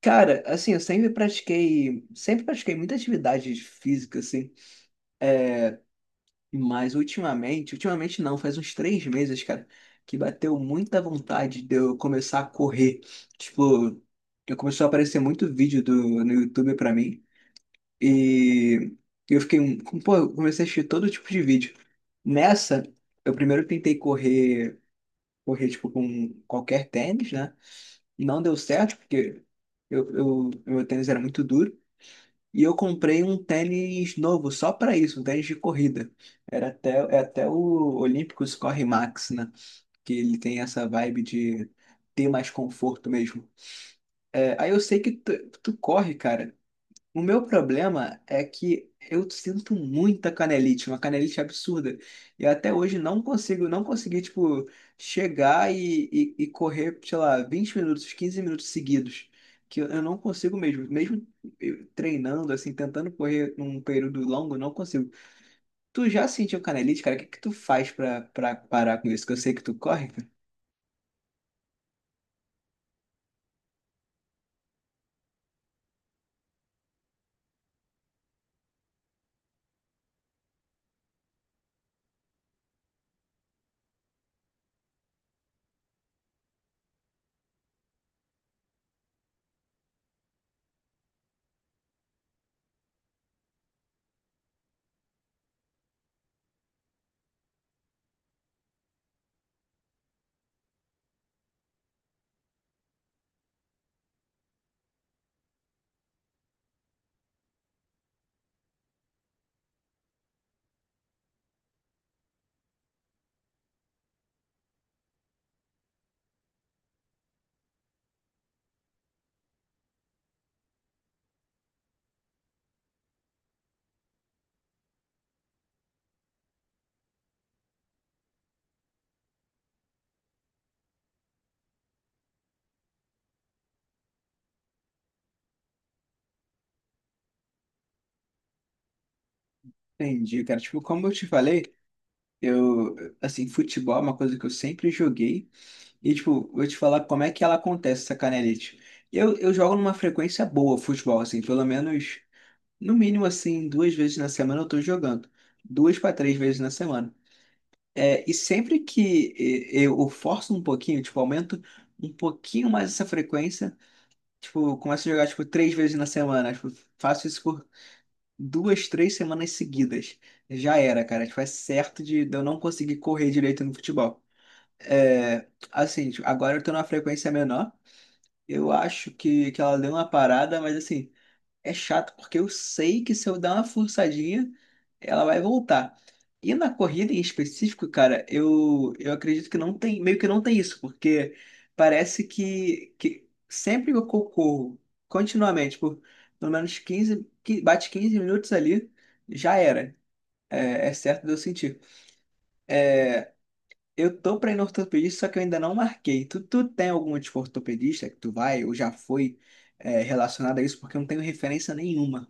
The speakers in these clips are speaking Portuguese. Cara, assim, eu sempre pratiquei muita atividade física, assim, mas ultimamente, ultimamente não, faz uns 3 meses, cara, que bateu muita vontade de eu começar a correr. Tipo, eu começou a aparecer muito vídeo no YouTube pra mim, e eu fiquei, pô, eu comecei a assistir todo tipo de vídeo. Nessa, eu primeiro tentei correr, tipo, com qualquer tênis, né? Não deu certo, porque meu tênis era muito duro. E eu comprei um tênis novo só para isso, um tênis de corrida. Era até, é até o Olímpicos Corre Max, né? Que ele tem essa vibe de ter mais conforto mesmo. É, aí eu sei que tu corre, cara. O meu problema é que eu sinto muita canelite, uma canelite absurda. E até hoje não consigo, não consegui, tipo, chegar correr, sei lá, 20 minutos, 15 minutos seguidos. Que eu não consigo mesmo. Mesmo eu treinando, assim, tentando correr num período longo, eu não consigo. Tu já sentiu canelite, cara? O que que tu faz pra parar com isso? Que eu sei que tu corre, cara. Entendi, cara. Tipo, como eu te falei, eu, assim, futebol é uma coisa que eu sempre joguei. E, tipo, vou te falar como é que ela acontece, essa canelite. Eu jogo numa frequência boa futebol, assim, pelo menos, no mínimo, assim, 2 vezes na semana eu tô jogando. 2 para 3 vezes na semana. É, e sempre que eu forço um pouquinho, tipo, aumento um pouquinho mais essa frequência, tipo, eu começo a jogar, tipo, 3 vezes na semana. Tipo, faço isso por 2, 3 semanas seguidas. Já era, cara. Tipo, é certo de eu não conseguir correr direito no futebol. É, assim, tipo, agora eu tô numa frequência menor. Eu acho que ela deu uma parada, mas assim, é chato porque eu sei que se eu dar uma forçadinha, ela vai voltar. E na corrida em específico, cara, eu acredito que não tem, meio que não tem isso, porque parece que sempre que eu corro continuamente, por pelo menos 15 que bate 15 minutos ali, já era. É, é certo de eu sentir. Eu tô pra ir no ortopedista, só que eu ainda não marquei. Tu tem alguma tipo ortopedista que tu vai ou já foi é, relacionada a isso? Porque eu não tenho referência nenhuma.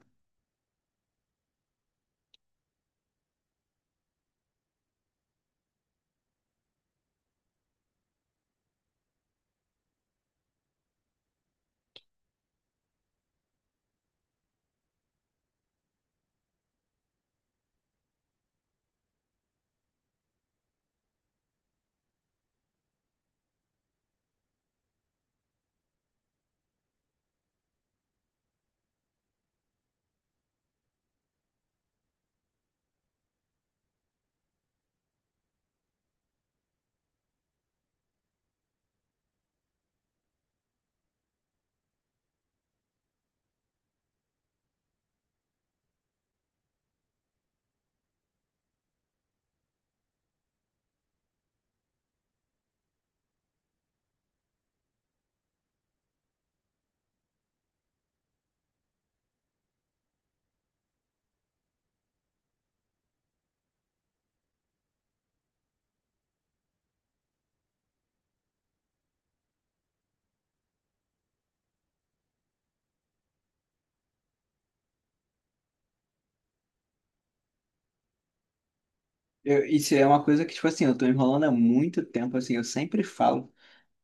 Isso é uma coisa que, tipo assim, eu tô enrolando há muito tempo, assim, eu sempre falo.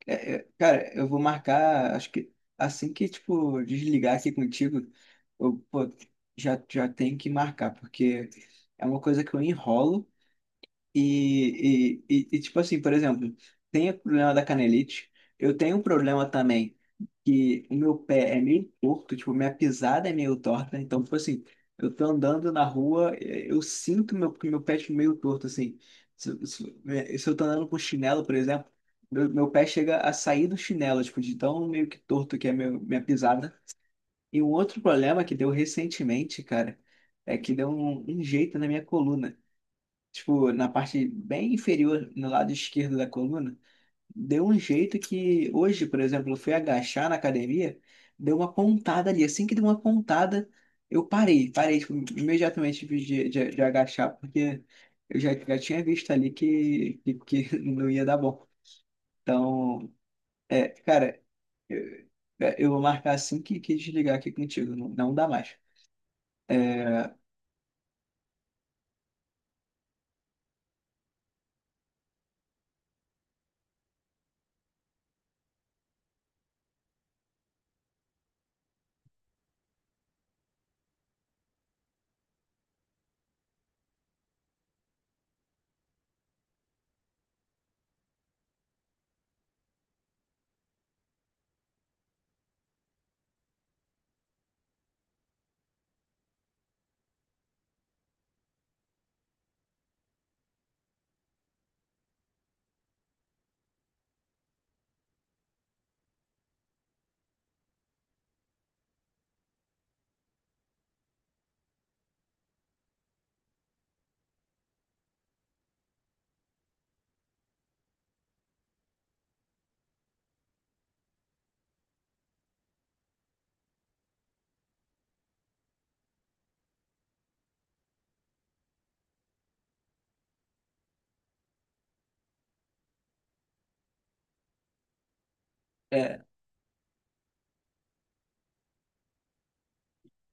Cara, eu vou marcar, acho que assim que, tipo, desligar aqui contigo, eu, pô, já tenho que marcar, porque é uma coisa que eu enrolo. Tipo assim, por exemplo, tem o problema da canelite. Eu tenho um problema também que o meu pé é meio torto, tipo, minha pisada é meio torta. Então, tipo assim, eu tô andando na rua, eu sinto meu, que meu pé é tipo, meio torto, assim. Se eu tô andando com chinelo, por exemplo, meu pé chega a sair do chinelo, tipo, de tão meio que torto que é meu, minha pisada. E um outro problema que deu recentemente, cara, é que deu um jeito na minha coluna, tipo, na parte bem inferior, no lado esquerdo da coluna, deu um jeito que hoje, por exemplo, eu fui agachar na academia, deu uma pontada ali. Assim que deu uma pontada, eu parei, parei, tipo, imediatamente, tipo, de agachar, porque eu já tinha visto ali que, que não ia dar bom. Então, é, cara, eu, é, eu vou marcar assim que desligar aqui contigo, não, não dá mais. é é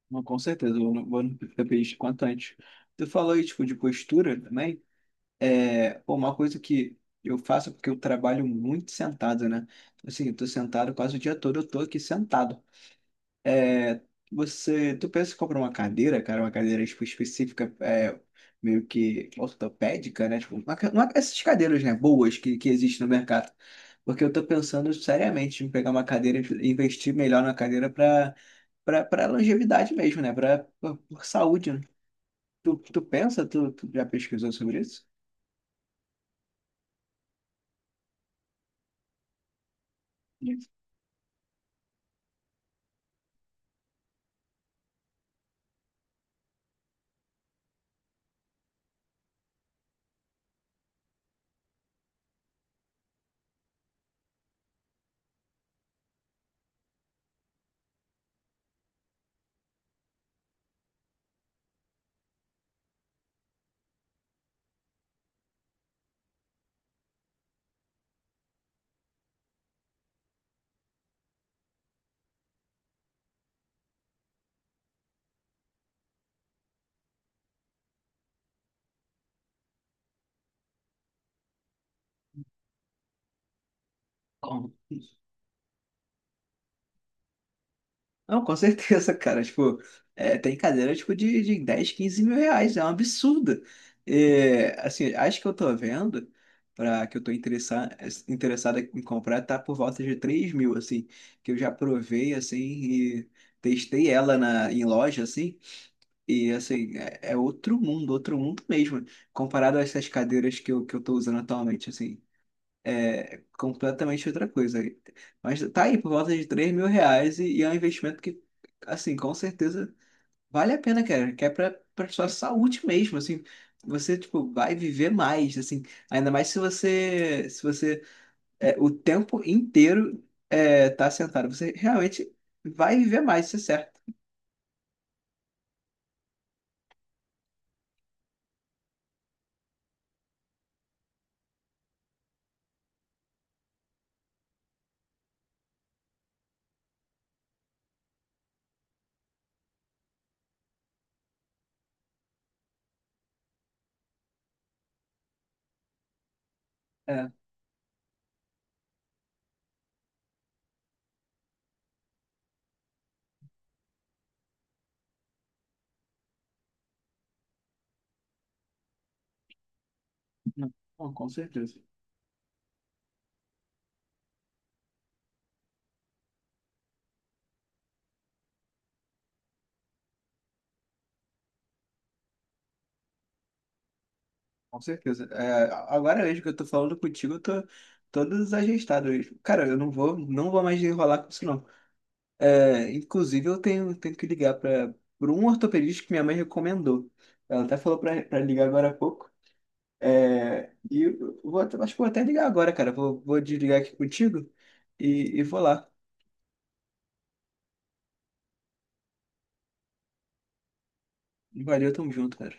Não, com certeza, eu vou no PPI quanto antes. Tu falou aí, tipo, de postura também. É, pô, uma coisa que eu faço é porque eu trabalho muito sentado, né? Assim, eu tô sentado quase o dia todo, eu tô aqui sentado. É, você, tu pensa em comprar uma cadeira, cara, uma cadeira tipo, específica, é, meio que ortopédica, né? Tipo, essas cadeiras, né, boas que existem no mercado. Porque eu tô pensando seriamente em pegar uma cadeira e investir melhor na cadeira para longevidade mesmo, né? Para saúde, né? Tu pensa, tu já pesquisou sobre isso? Isso. Como? Não, com certeza, cara. Tipo, é, tem cadeira tipo, de 10, 15 mil reais. É um absurdo. É, assim, acho que eu tô vendo, para que eu tô interessado, interessado em comprar, tá por volta de 3 mil, assim. Que eu já provei, assim, e testei ela na, em loja, assim. E, assim, é, é outro mundo mesmo. Comparado a essas cadeiras que eu tô usando atualmente, assim. É completamente outra coisa. Mas tá aí, por volta de 3 mil reais e é um investimento que, assim, com certeza vale a pena, cara. Que é pra, pra sua saúde mesmo, assim. Você, tipo, vai viver mais, assim. Ainda mais se você, é, o tempo inteiro, é, tá sentado. Você realmente vai viver mais, isso é certo. É, não, não, com certeza. Com certeza. É, agora mesmo que eu tô falando contigo, eu tô todo desajeitado hoje. Cara, eu não vou, não vou mais enrolar com isso, não. É, inclusive, eu tenho que ligar para por um ortopedista que minha mãe recomendou. Ela até falou para ligar agora há pouco. É, e eu vou, até- acho que vou até ligar agora, cara. Vou desligar aqui contigo e vou lá. Valeu, tamo junto, cara.